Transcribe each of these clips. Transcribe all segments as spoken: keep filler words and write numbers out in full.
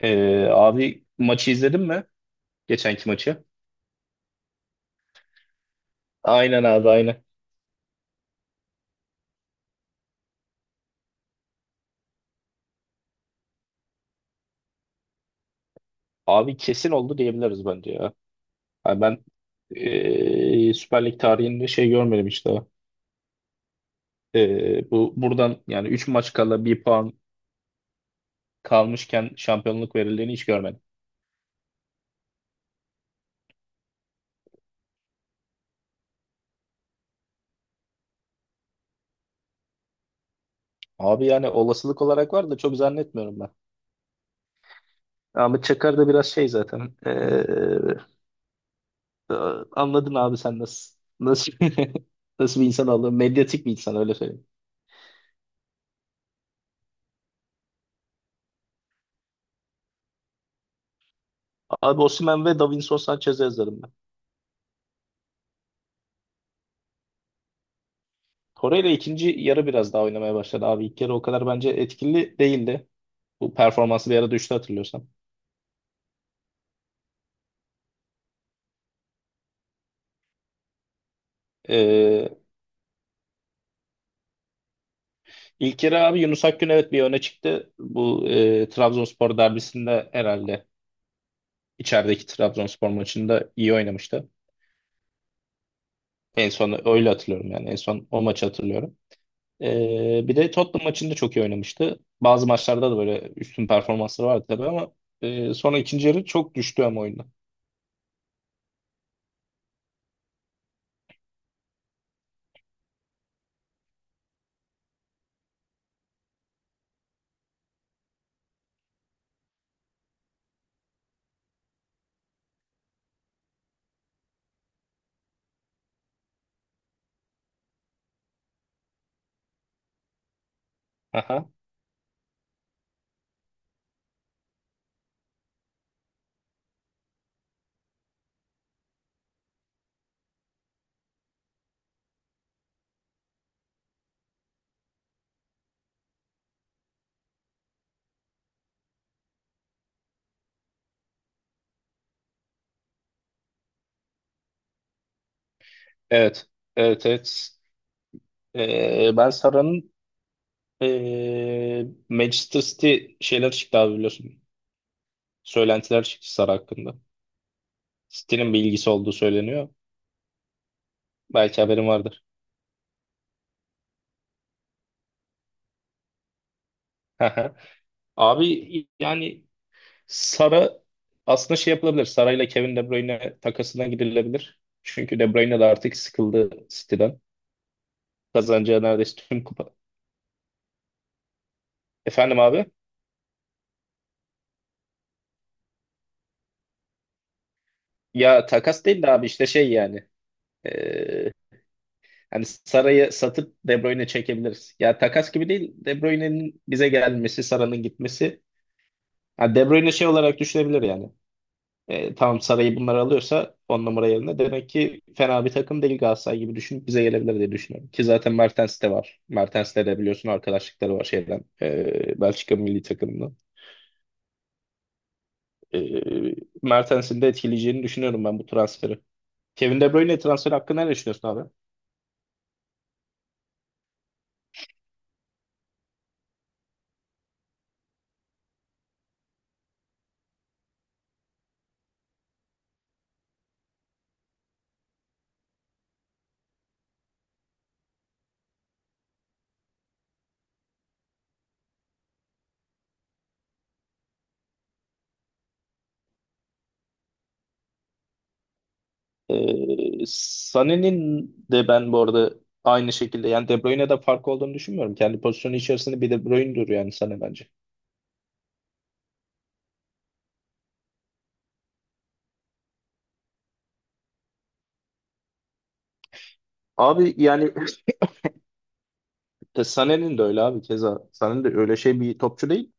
Ee, abi maçı izledin mi? Geçenki maçı. Aynen abi aynen. Abi kesin oldu diyebiliriz bence ya. Yani ben ee, Süper Lig tarihinde şey görmedim işte. Ee, bu buradan yani üç maç kala bir puan kalmışken şampiyonluk verildiğini hiç görmedim. Abi yani olasılık olarak var da çok zannetmiyorum ben. Ahmet Çakar da biraz şey zaten. Ee, anladın abi sen nasıl nasıl nasıl bir insan olduğunu. Medyatik bir insan öyle söyleyeyim. Abi Osimhen ve Davinson Sanchez'i yazarım. Torreira ikinci yarı biraz daha oynamaya başladı abi. İlk yarı o kadar bence etkili değildi. Bu performansı bir ara düştü hatırlıyorsam. Ee, ilk yarı abi Yunus Akgün evet bir öne çıktı. Bu e, Trabzonspor derbisinde herhalde içerideki Trabzonspor maçında iyi oynamıştı. En son öyle hatırlıyorum yani. En son o maçı hatırlıyorum. Ee, bir de Tottenham maçında çok iyi oynamıştı. Bazı maçlarda da böyle üstün performansları vardı tabii ama e, sonra ikinci yarı çok düştü ama oyunda. Aha. Evet. Evet, evet. Ee, ben Sara'nın e, Manchester City şeyler çıktı abi biliyorsun. Söylentiler çıktı Sara hakkında. City'nin bir ilgisi olduğu söyleniyor. Belki haberin vardır. Abi yani Sara aslında şey yapılabilir. Sara ile Kevin De Bruyne takasına gidilebilir. Çünkü De Bruyne de artık sıkıldı City'den. Kazanacağı neredeyse tüm kupa. Efendim abi? Ya takas değil de abi işte şey yani. Ee, Hani Sara'yı satıp De Bruyne çekebiliriz. Ya takas gibi değil. De Bruyne'nin bize gelmesi, Sara'nın gitmesi. Ha, De Bruyne şey olarak düşünebilir yani. E, tamam Saray'ı bunlar alıyorsa on numara yerine demek ki fena bir takım değil Galatasaray gibi düşünüp bize gelebilir diye düşünüyorum. Ki zaten Mertens de var. Mertens'le de biliyorsun arkadaşlıkları var şeyden. e, Belçika milli takımından. E, Mertens'in de etkileyeceğini düşünüyorum ben bu transferi. Kevin De Bruyne transferi hakkında ne düşünüyorsun abi? E, Sané'nin de ben bu arada aynı şekilde yani De Bruyne'de fark olduğunu düşünmüyorum. Kendi pozisyonu içerisinde bir De Bruyne'dur yani Sané bence. Abi yani Te- Sané'nin de öyle abi keza. Sané de öyle şey bir topçu değil.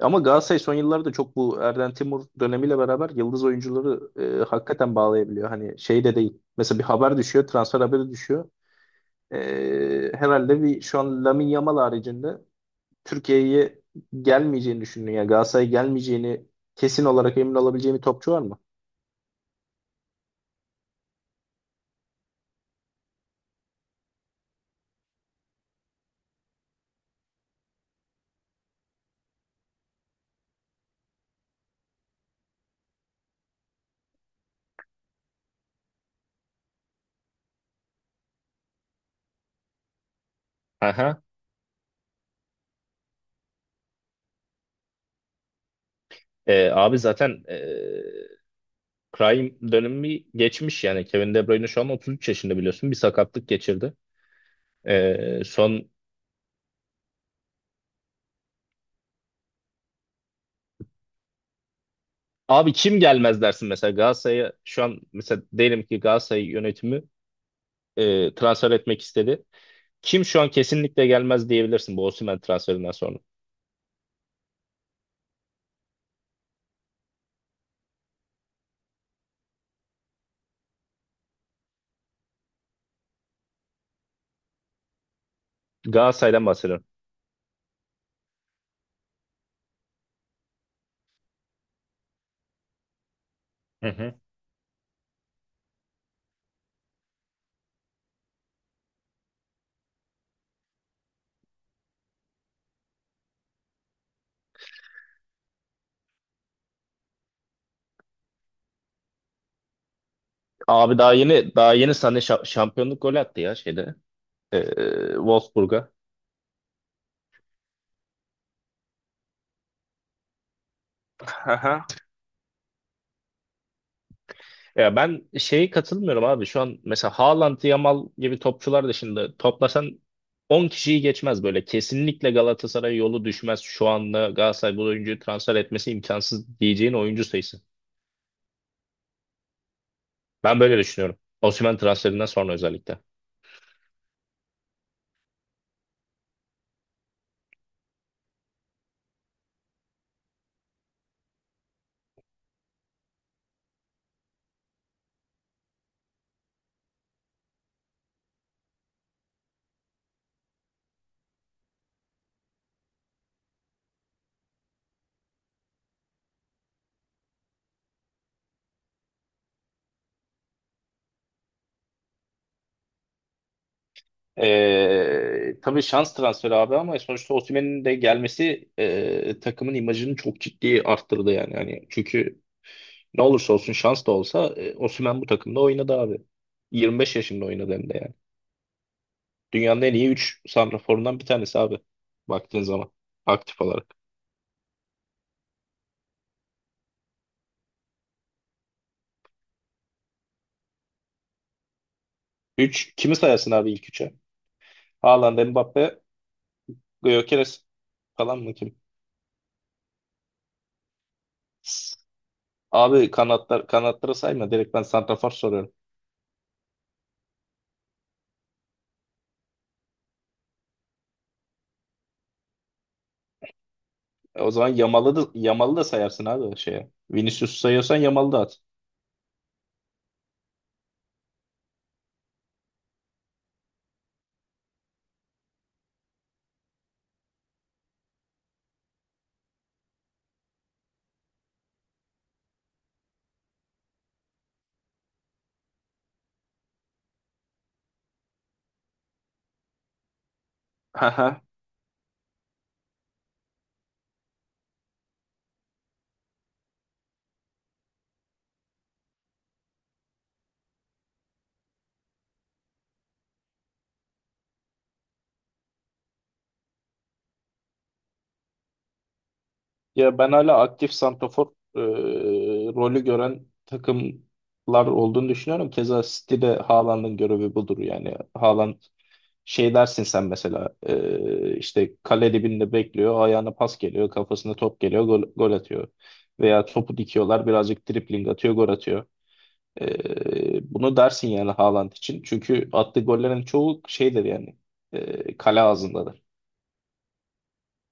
Ama Galatasaray son yıllarda çok bu Erden Timur dönemiyle beraber yıldız oyuncuları e, hakikaten bağlayabiliyor. Hani şey de değil. Mesela bir haber düşüyor, transfer haberi düşüyor. E, herhalde bir şu an Lamine Yamal haricinde Türkiye'ye gelmeyeceğini düşündüğün ya Galatasaray'a gelmeyeceğini kesin olarak emin olabileceğim bir topçu var mı? Aha. Ee, abi zaten ee, prime dönemi geçmiş yani. Kevin De Bruyne şu an otuz üç yaşında biliyorsun. Bir sakatlık geçirdi. Ee, son Abi kim gelmez dersin mesela Galatasaray'a şu an mesela diyelim ki Galatasaray yönetimi e, transfer etmek istedi. Kim şu an kesinlikle gelmez diyebilirsin bu Osimhen transferinden sonra. Galatasaray'dan bahsediyorum. Hı hı. Abi daha yeni daha yeni sana şa- şampiyonluk golü attı ya şeyde. E, Wolfsburg'a. Aha. Ya ben şeye katılmıyorum abi. Şu an mesela Haaland, Yamal gibi topçular dışında toplasan on kişiyi geçmez böyle. Kesinlikle Galatasaray yolu düşmez. Şu anda Galatasaray bu oyuncuyu transfer etmesi imkansız diyeceğin oyuncu sayısı. Ben böyle düşünüyorum. Osimhen transferinden sonra özellikle. Ee, tabii şans transferi abi ama sonuçta Osimhen'in de gelmesi e, takımın imajını çok ciddi arttırdı yani. Yani çünkü ne olursa olsun şans da olsa e, Osimhen bu takımda oynadı abi. yirmi beş yaşında oynadı hem de yani. Dünyanın en iyi üç santraforundan bir tanesi abi. Baktığın zaman aktif olarak. Üç kimi sayarsın abi ilk üçe? Haaland, Mbappe, Gyökeres falan mı kim? Abi kanatlar kanatlara sayma direkt ben santrafor soruyorum. E, O zaman Yamal'ı da, Yamal'ı da sayarsın abi o şeye. Vinicius'u sayıyorsan Yamal'ı da at. Haha. Ya ben hala aktif santrafor e, rolü gören takımlar olduğunu düşünüyorum. Keza City'de Haaland'ın görevi budur yani. Haaland şey dersin sen mesela e, işte kale dibinde bekliyor, ayağına pas geliyor, kafasına top geliyor, gol, gol atıyor. Veya topu dikiyorlar, birazcık dribling atıyor, gol atıyor. Ee, bunu dersin yani Haaland için. Çünkü attığı gollerin çoğu şeydir yani. E, kale ağzındadır.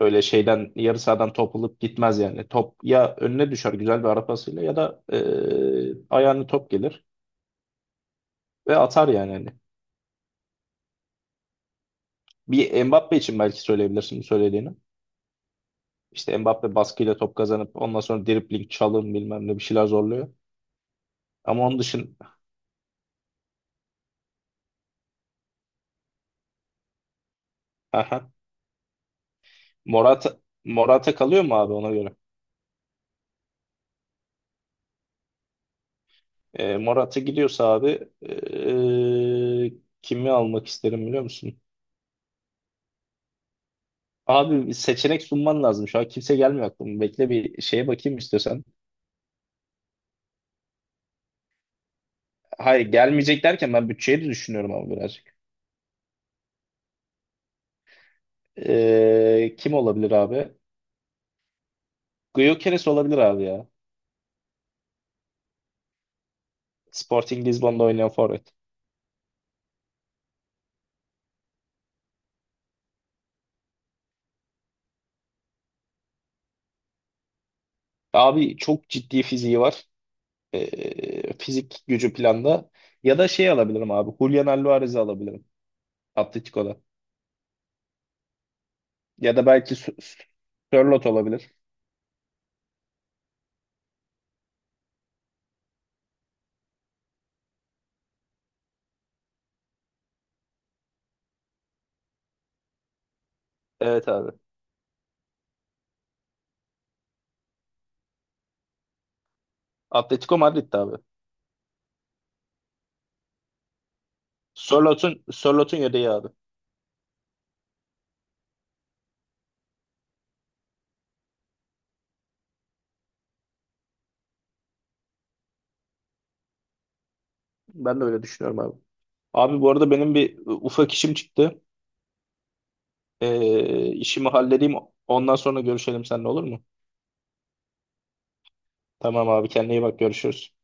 Öyle şeyden yarı sahadan top alıp gitmez yani. Top ya önüne düşer güzel bir ara pasıyla ya da e, ayağına top gelir ve atar yani. Hani. Bir Mbappe için belki söyleyebilirsin bu söylediğini. İşte Mbappe baskıyla top kazanıp ondan sonra dribling, çalım bilmem ne bir şeyler zorluyor. Ama onun dışında Morata Morata kalıyor mu abi ona göre? E, Morata gidiyorsa abi e, kimi almak isterim biliyor musun? Abi bir seçenek sunman lazım. Şu an kimse gelmiyor aklıma. Bekle bir şeye bakayım istiyorsan. Hayır, gelmeyecek derken ben bütçeyi de düşünüyorum ama birazcık. E, kim olabilir abi? Gyökeres olabilir abi ya. Sporting Lisbon'da oynayan forvet. Abi çok ciddi fiziği var. E, fizik gücü planda. Ya da şey alabilirim abi. Julian Alvarez'i alabilirim. Atletico'da. Ya da belki Sö- Sörloth olabilir. Evet abi. Atletico Madrid'di abi. Sörloth'un Sörloth'un yedeği abi. Ben de öyle düşünüyorum abi. Abi bu arada benim bir ufak işim çıktı. Ee, işimi halledeyim. Ondan sonra görüşelim seninle olur mu? Tamam abi kendine iyi bak görüşürüz.